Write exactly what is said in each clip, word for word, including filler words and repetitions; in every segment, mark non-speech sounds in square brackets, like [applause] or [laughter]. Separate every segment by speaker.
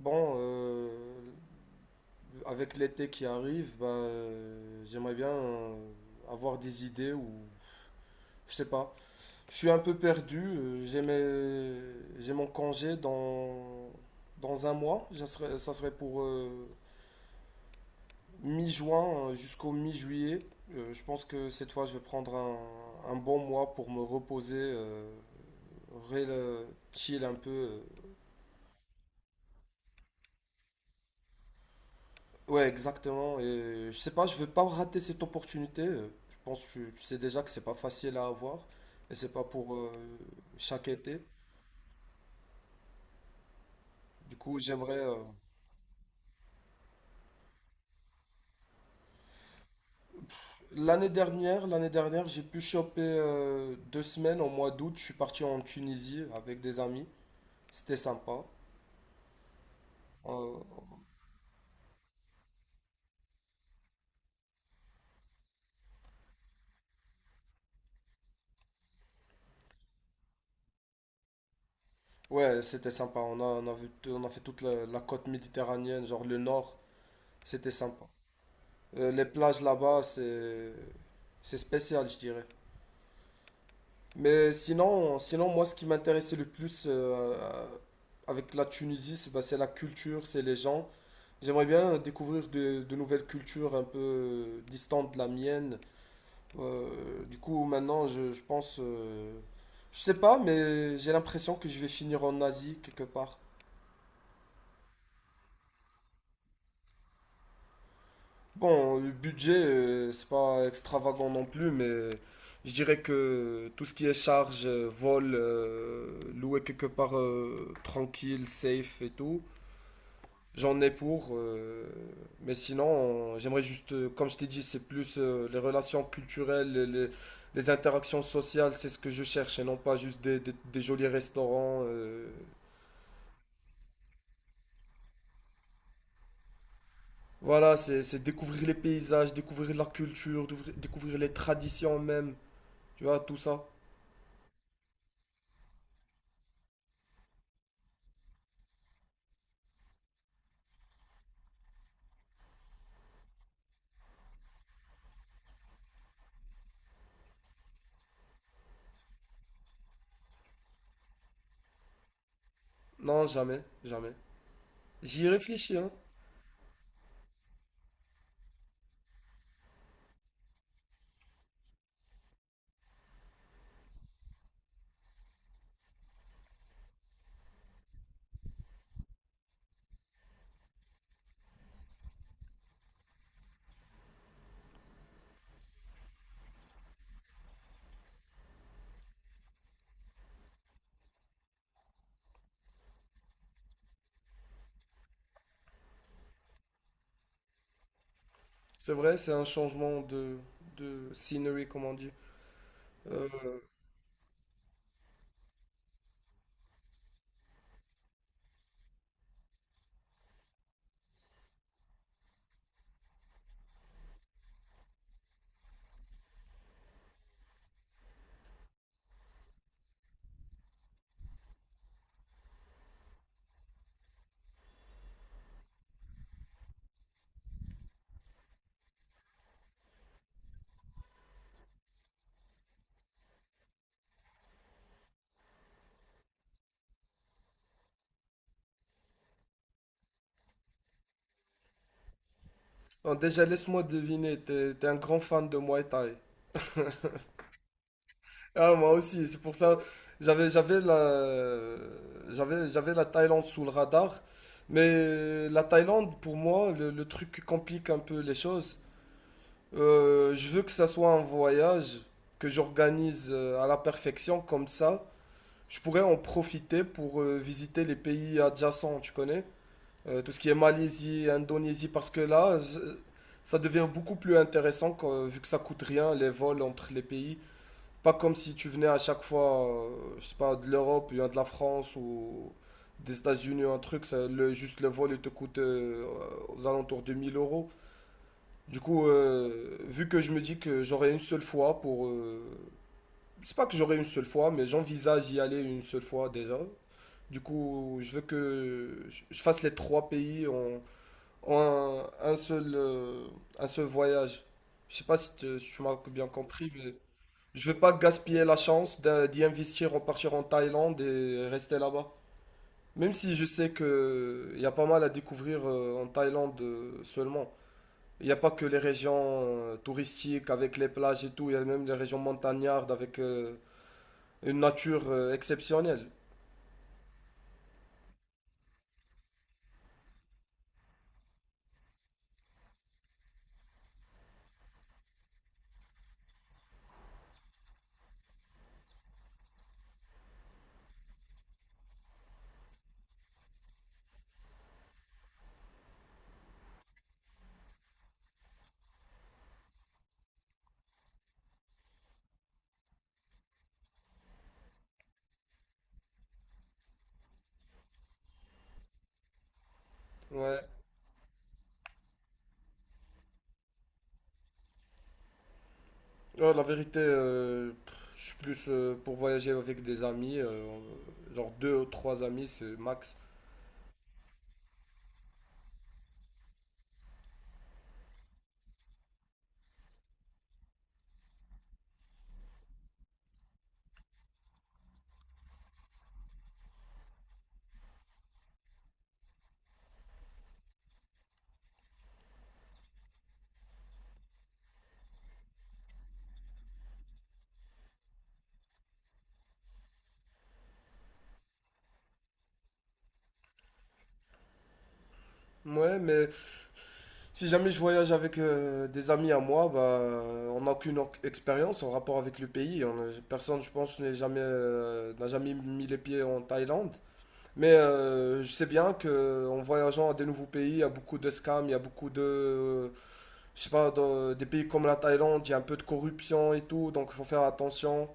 Speaker 1: Bon, euh, avec l'été qui arrive, bah, euh, j'aimerais bien euh, avoir des idées ou je sais pas. Je suis un peu perdu. euh, J'ai mes- j'ai mon congé dans, dans un mois. Ça serait, ça serait pour euh, mi-juin euh, jusqu'au mi-juillet. Euh, je pense que cette fois, je vais prendre un, un bon mois pour me reposer, euh, rela- chill un peu. euh, Ouais, exactement. Et je sais pas, je veux pas rater cette opportunité. Euh, Je pense que tu, tu sais déjà que c'est pas facile à avoir et c'est pas pour euh, chaque été. Du coup, j'aimerais. euh, L'année dernière, l'année dernière, j'ai pu choper euh, deux semaines au mois d'août. Je suis parti en Tunisie avec des amis. C'était sympa. Euh, ouais, c'était sympa. On a, on a vu tout- on a fait toute la, la côte méditerranéenne, genre le nord. C'était sympa. Euh, les plages là-bas, c'est c'est spécial, je dirais. Mais sinon, sinon moi, ce qui m'intéressait le plus euh, avec la Tunisie, c'est bah, c'est la culture, c'est les gens. J'aimerais bien découvrir de, de nouvelles cultures un peu distantes de la mienne. Euh, du coup, maintenant, je, je pense, euh, je sais pas, mais j'ai l'impression que je vais finir en Asie quelque part. Bon, le budget, euh, c'est pas extravagant non plus, mais je dirais que tout ce qui est charge, euh, vol, euh, louer quelque part euh, tranquille, safe et tout. J'en ai pour, euh, mais sinon, on- j'aimerais juste, euh, comme je t'ai dit, c'est plus euh, les relations culturelles, les, les- les interactions sociales, c'est ce que je cherche, et non pas juste des, des- des jolis restaurants. euh. Voilà, c'est c'est découvrir les paysages, découvrir la culture, découvrir découvrir les traditions même, tu vois, tout ça. Non, jamais, jamais. J'y ai réfléchi, hein. C'est vrai, c'est un changement de, de scenery, comme on dit. Euh, bon, déjà, laisse-moi deviner, t'es, t'es un grand fan de Muay Thai. Ah, moi aussi, c'est pour ça. J'avais, j'avais la, j'avais, j'avais la Thaïlande sous le radar. Mais la Thaïlande, pour moi, le, le truc qui complique un peu les choses, euh, je veux que ça soit un voyage que j'organise euh, à la perfection, comme ça, je pourrais en profiter pour euh, visiter les pays adjacents, tu connais? Euh, tout ce qui est Malaisie, Indonésie, parce que là, je- ça devient beaucoup plus intéressant quand- vu que ça coûte rien, les vols entre les pays. Pas comme si tu venais à chaque fois, euh, je sais pas, de l'Europe, ou de la France ou des États-Unis, un truc, ça- le, juste le vol, il te coûte euh, aux alentours de mille euros. Du coup, euh, vu que je me dis que j'aurai une seule fois pour... euh, C'est pas que j'aurai une seule fois, mais j'envisage y aller une seule fois déjà. Du coup, je veux que je je fasse les trois pays en, en un, un seul, euh, un seul voyage. Je sais pas si, te- si tu m'as bien compris, mais... Je vais pas gaspiller la chance d'un- d'y investir, en partir en Thaïlande et rester là-bas. Même si je sais que il y a pas mal à découvrir euh, en Thaïlande euh, seulement. Il n'y a pas que les régions euh, touristiques avec les plages et tout, il y a même les régions montagnardes avec euh, une nature euh, exceptionnelle. Ouais. Ouais, la vérité, euh, pff, je suis plus euh, pour voyager avec des amis, euh, genre deux ou trois amis, c'est max. Ouais, mais Si jamais je voyage avec euh, des amis à moi, bah, euh, on n'a aucune en- expérience en rapport avec le pays. On n'a- Personne, je pense, n'est jamais, euh, n'a jamais mis les pieds en Thaïlande. Mais euh, je sais bien que en voyageant à des nouveaux pays, il y a beaucoup de scams, il y a beaucoup de, je sais pas, dans des pays comme la Thaïlande, il y a un peu de corruption et tout, donc il faut faire attention.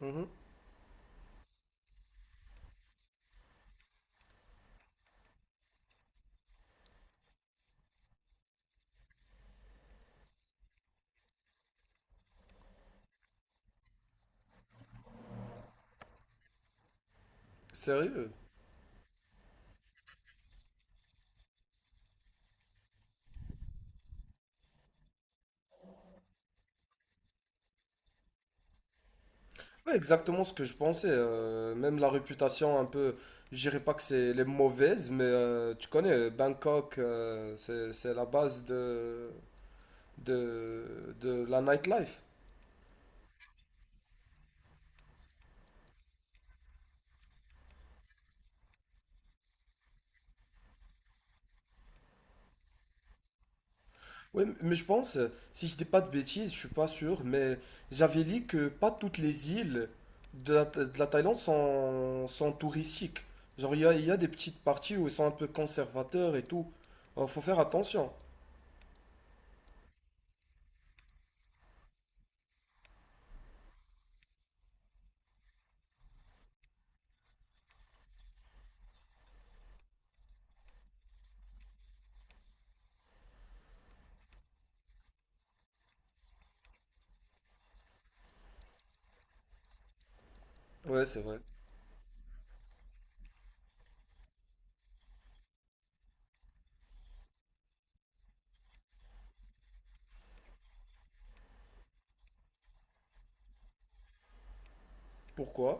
Speaker 1: Mhm. Sérieux? Ouais, exactement ce que je pensais. Euh, même la réputation un peu, je dirais pas que c'est les mauvaises, mais euh, tu connais Bangkok, euh, c'est c'est la base de, de, de la nightlife. Oui, mais je pense, euh, si je dis pas de bêtises, je suis pas sûr, mais j'avais lu que pas toutes les îles de la, de la Thaïlande sont, sont touristiques. Genre, il y a, il y a des petites parties où ils sont un peu conservateurs et tout. Alors, faut faire attention. Ouais, c'est vrai. Pourquoi?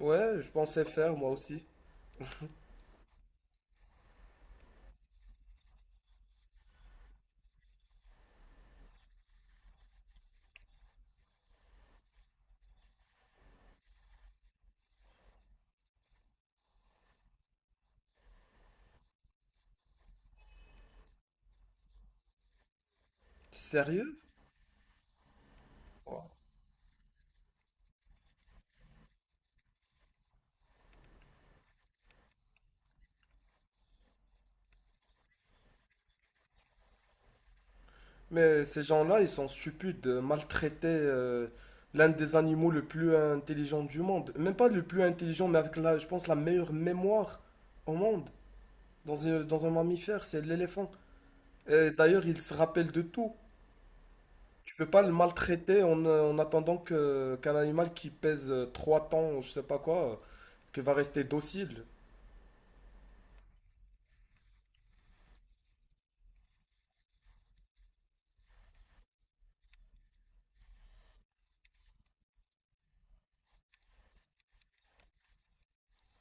Speaker 1: Ouais, je pensais faire moi aussi. Sérieux? Ouais. Mais ces gens-là, ils sont stupides de maltraiter euh, l'un des animaux le plus intelligent du monde. Même pas le plus intelligent, mais avec la, je pense, la meilleure mémoire au monde. Dans un, dans un mammifère, c'est l'éléphant. Et D'ailleurs, il se rappelle de tout. Tu peux pas le maltraiter en, euh, en attendant que, qu'un animal qui pèse euh, trois tonnes, ou je sais pas quoi, euh, qui va rester docile.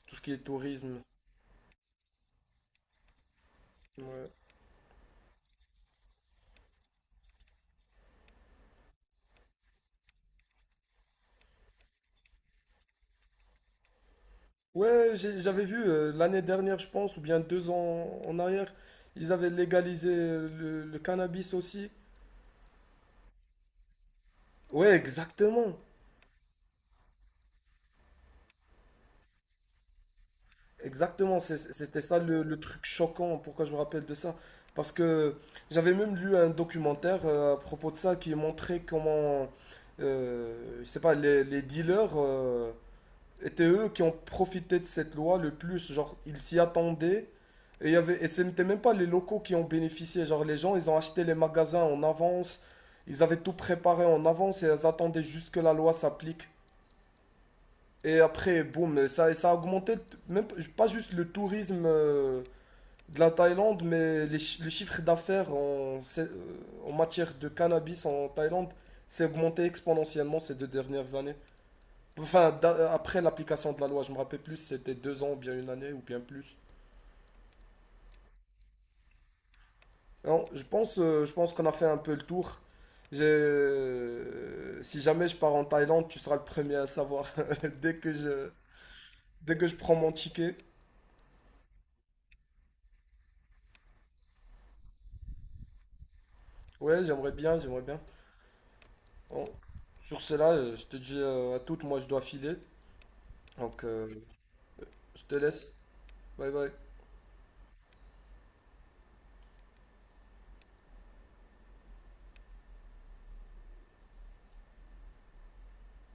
Speaker 1: Tout ce qui est tourisme. Ouais. Ouais, j'ai- j'avais vu euh, l'année dernière, je pense, ou bien deux ans en arrière, ils avaient légalisé euh, le, le cannabis aussi. Ouais, exactement. Exactement, c'est- c'était ça le, le truc choquant, pourquoi je me rappelle de ça. Parce que j'avais même lu un documentaire euh, à propos de ça qui montrait comment, euh, je sais pas, les, les dealers, euh, étaient eux qui ont profité de cette loi le plus. Genre, ils s'y attendaient. Et, il y avait, et ce n'étaient même pas les locaux qui ont bénéficié. Genre, les gens, ils ont acheté les magasins en avance. Ils avaient tout préparé en avance et ils attendaient juste que la loi s'applique. Et après, boum, ça, ça a augmenté, même p- pas juste le tourisme euh, de la Thaïlande, mais les chi- le chiffre d'affaires en, c'est- euh, en matière de cannabis en Thaïlande s'est augmenté exponentiellement ces deux dernières années. Enfin, d'a- après l'application de la loi, je me rappelle plus, si c'était deux ans, ou bien une année, ou bien plus. Non, je pense, euh, je pense qu'on a fait un peu le tour. J'ai- euh, Si jamais je pars en Thaïlande, tu seras le premier à savoir. [laughs] Dès que je, dès que je prends mon ticket. Ouais, j'aimerais bien, j'aimerais bien. Bon, sur cela, euh, je te dis euh, à toutes, moi je dois filer. Donc, euh, je te laisse. Bye bye.